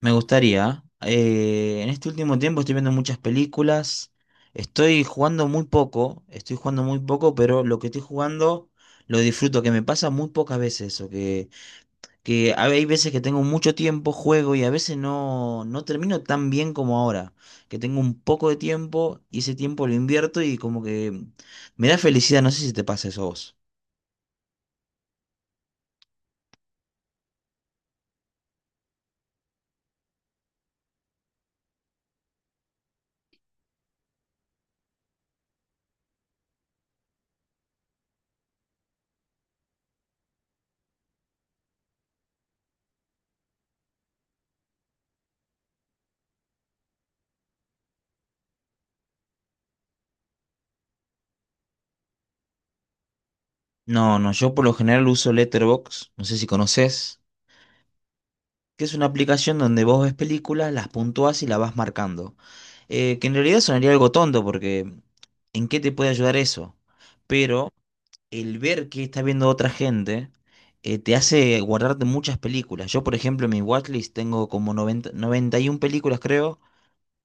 Me gustaría. En este último tiempo estoy viendo muchas películas. Estoy jugando muy poco. Estoy jugando muy poco, pero lo que estoy jugando lo disfruto, que me pasa muy pocas veces eso. Hay veces que tengo mucho tiempo, juego y a veces no, no termino tan bien como ahora. Que tengo un poco de tiempo y ese tiempo lo invierto y como que me da felicidad. No sé si te pasa eso a vos. No, no, yo por lo general uso Letterboxd. No sé si conoces. Que es una aplicación donde vos ves películas, las puntuás y las vas marcando. Que en realidad sonaría algo tonto porque ¿en qué te puede ayudar eso? Pero el ver que está viendo otra gente te hace guardarte muchas películas. Yo, por ejemplo, en mi watchlist tengo como noventa y 91 películas, creo,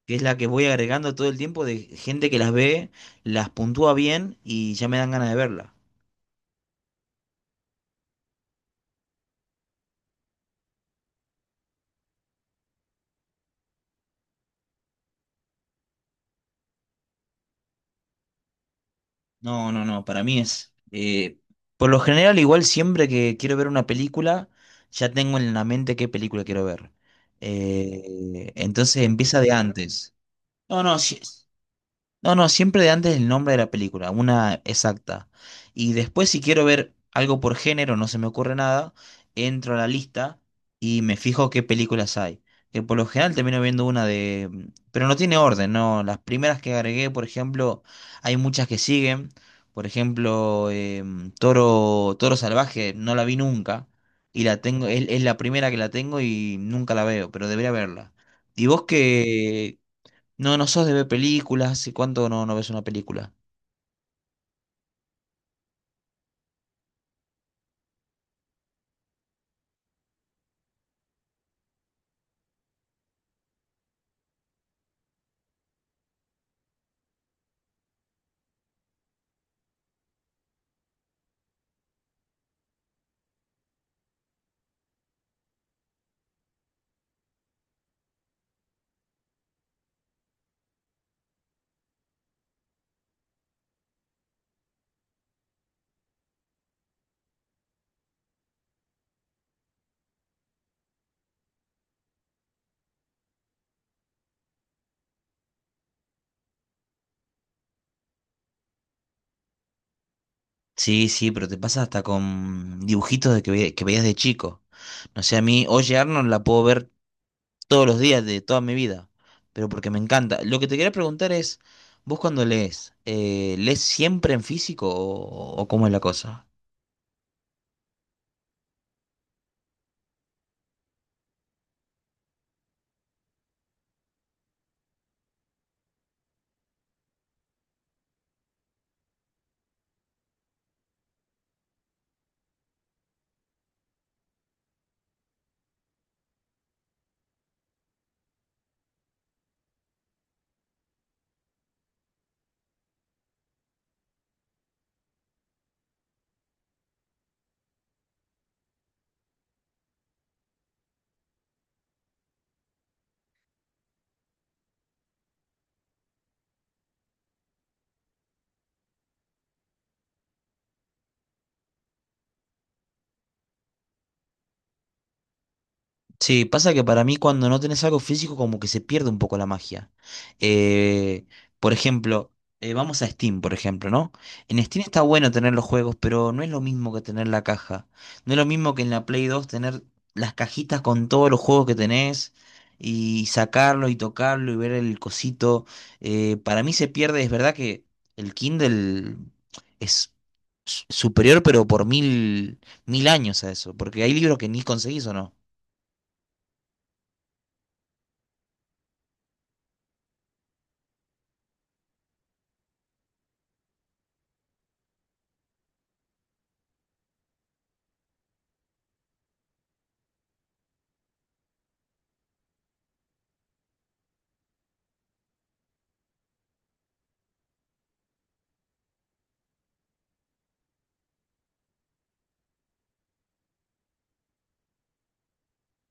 que es la que voy agregando todo el tiempo de gente que las ve, las puntúa bien y ya me dan ganas de verlas. No, no, no, para mí por lo general, igual siempre que quiero ver una película, ya tengo en la mente qué película quiero ver. Entonces empieza de antes. No, no, sí. No, no, siempre de antes el nombre de la película, una exacta. Y después si quiero ver algo por género, no se me ocurre nada, entro a la lista y me fijo qué películas hay. Que por lo general termino viendo Pero no tiene orden, ¿no? Las primeras que agregué, por ejemplo, hay muchas que siguen. Por ejemplo, Toro Salvaje, no la vi nunca. Y la tengo, es la primera que la tengo y nunca la veo, pero debería verla. ¿Y vos qué, ¿No, no sos de ver películas? ¿Hace cuánto no, no ves una película? Sí, sí, pero te pasa hasta con dibujitos de que veías de chico. No sé, a mí, Oye Arnold la puedo ver todos los días de toda mi vida, pero porque me encanta. Lo que te quería preguntar es, vos cuando lees, ¿lees siempre en físico o cómo es la cosa? Sí, pasa que para mí cuando no tenés algo físico como que se pierde un poco la magia. Eh, por ejemplo, vamos a Steam, por ejemplo, ¿no? En Steam está bueno tener los juegos, pero no es lo mismo que tener la caja. No es lo mismo que en la Play dos tener las cajitas con todos los juegos que tenés y sacarlo y tocarlo y ver el cosito. Para mí se pierde, es verdad que el Kindle es superior, pero por mil, mil años a eso, porque hay libros que ni conseguís o no.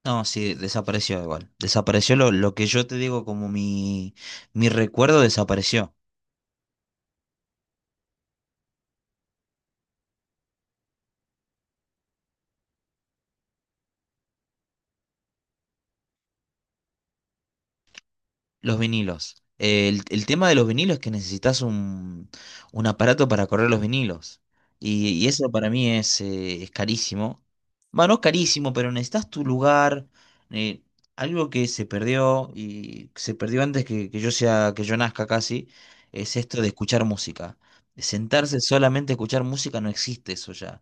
No, sí, desapareció igual. Desapareció lo que yo te digo como mi recuerdo desapareció. Los vinilos. El tema de los vinilos es que necesitas un aparato para correr los vinilos. Y eso para mí es carísimo. Bueno, no carísimo, pero necesitas tu lugar. eh, Algo que se perdió y se perdió antes que yo sea, que yo nazca casi, es esto de escuchar música. De sentarse solamente a escuchar música no existe eso ya.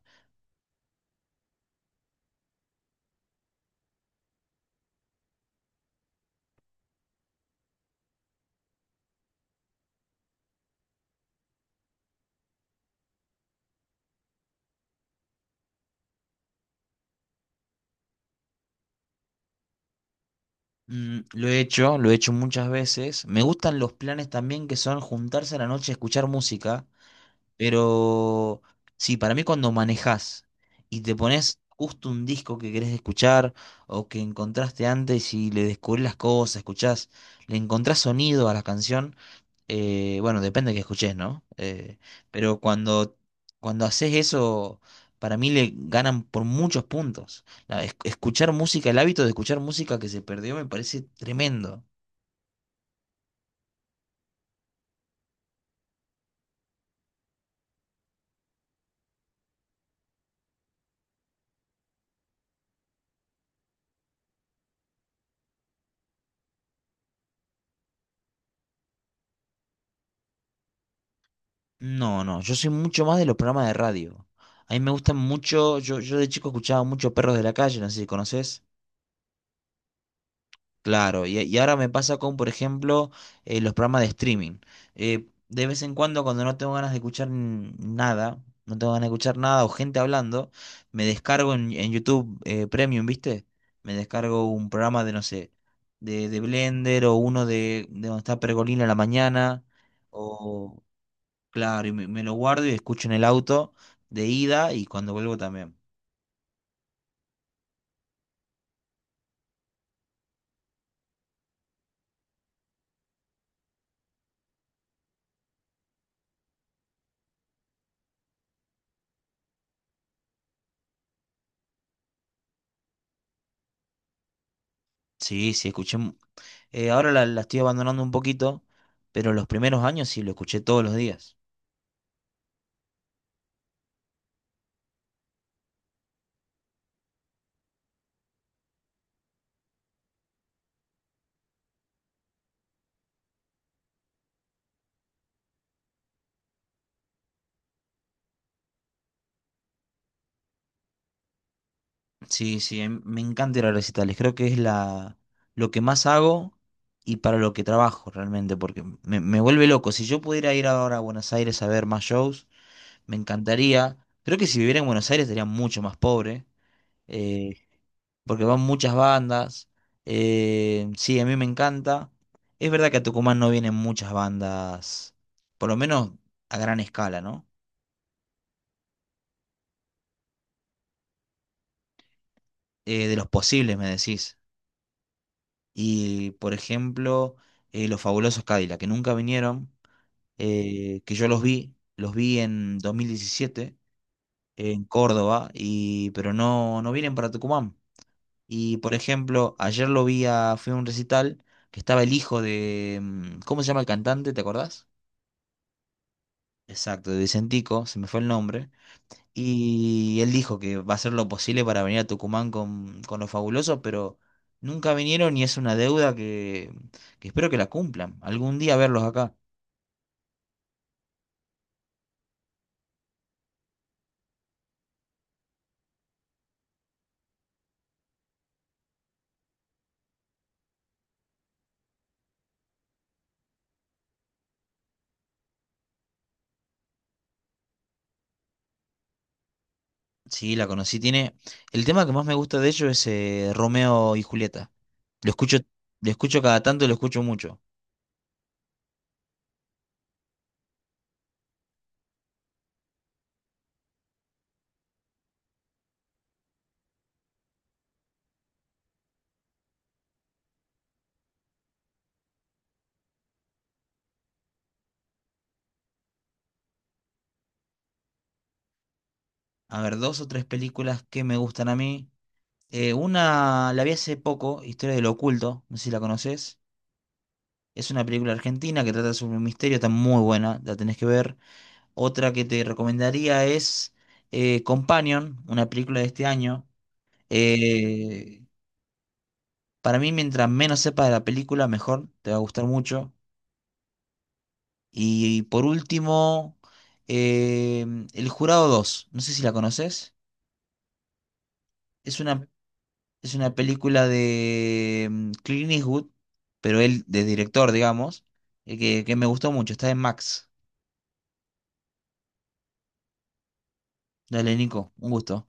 Lo he hecho, lo he hecho muchas veces. Me gustan los planes también que son juntarse a la noche a escuchar música, pero sí, para mí cuando manejás y te pones justo un disco que querés escuchar o que encontraste antes y le descubrís las cosas, escuchás, le encontrás sonido a la canción bueno, depende de que escuches, ¿no? Pero cuando, cuando haces eso, para mí le ganan por muchos puntos. La- es- escuchar música, el hábito de escuchar música que se perdió me parece tremendo. No, no, yo soy mucho más de los programas de radio. A mí me gustan mucho, yo de chico escuchaba mucho Perros de la Calle, no sé si conoces. Claro, y ahora me pasa con, por ejemplo, los programas de streaming. De vez en cuando, cuando no tengo ganas de escuchar nada, no tengo ganas de escuchar nada o gente hablando, me descargo en YouTube Premium, ¿viste? Me descargo un programa de, no sé, de Blender o uno de donde está Pergolina a la mañana, o claro, y me lo guardo y escucho en el auto de ida y cuando vuelvo también. Sí, sí, escuché. Ahora la estoy abandonando un poquito, pero los primeros años sí lo escuché todos los días. Sí, sí, me encanta ir a recitales. Creo que es lo que más hago y para lo que trabajo realmente, porque me vuelve loco. Si yo pudiera ir ahora a Buenos Aires a ver más shows, me encantaría. Creo que si viviera en Buenos Aires estaría mucho más pobre, eh, porque van muchas bandas. Sí, a mí me encanta. Es verdad que a Tucumán no vienen muchas bandas, por lo menos a gran escala, ¿no? De los posibles, me decís. Y, por ejemplo, los fabulosos Cadillac, que nunca vinieron, que yo los vi en 2017 en Córdoba, y, pero no, no vienen para Tucumán. Y, por ejemplo, ayer lo vi a, fui a un recital que estaba el hijo de, ¿cómo se llama el cantante? ¿Te acordás? Exacto, de Vicentico, se me fue el nombre. Y él dijo que va a hacer lo posible para venir a Tucumán con los fabulosos, pero nunca vinieron y es una deuda que espero que la cumplan. Algún día verlos acá. Sí, la conocí. Tiene. El tema que más me gusta de ellos es Romeo y Julieta. Lo escucho, lo escucho cada tanto y lo escucho mucho. A ver, dos o tres películas que me gustan a mí. Una la vi hace poco, Historia del Oculto, no sé si la conoces. Es una película argentina que trata sobre un misterio, está muy buena, la tenés que ver. Otra que te recomendaría es Companion, una película de este año. Eh, para mí, mientras menos sepas de la película, mejor, te va a gustar mucho. Y, por último, eh, El Jurado dos no sé si la conoces. Es una, es una película de Clint Eastwood, pero él de director, digamos, que me gustó mucho, está en Max. Dale, Nico, un gusto.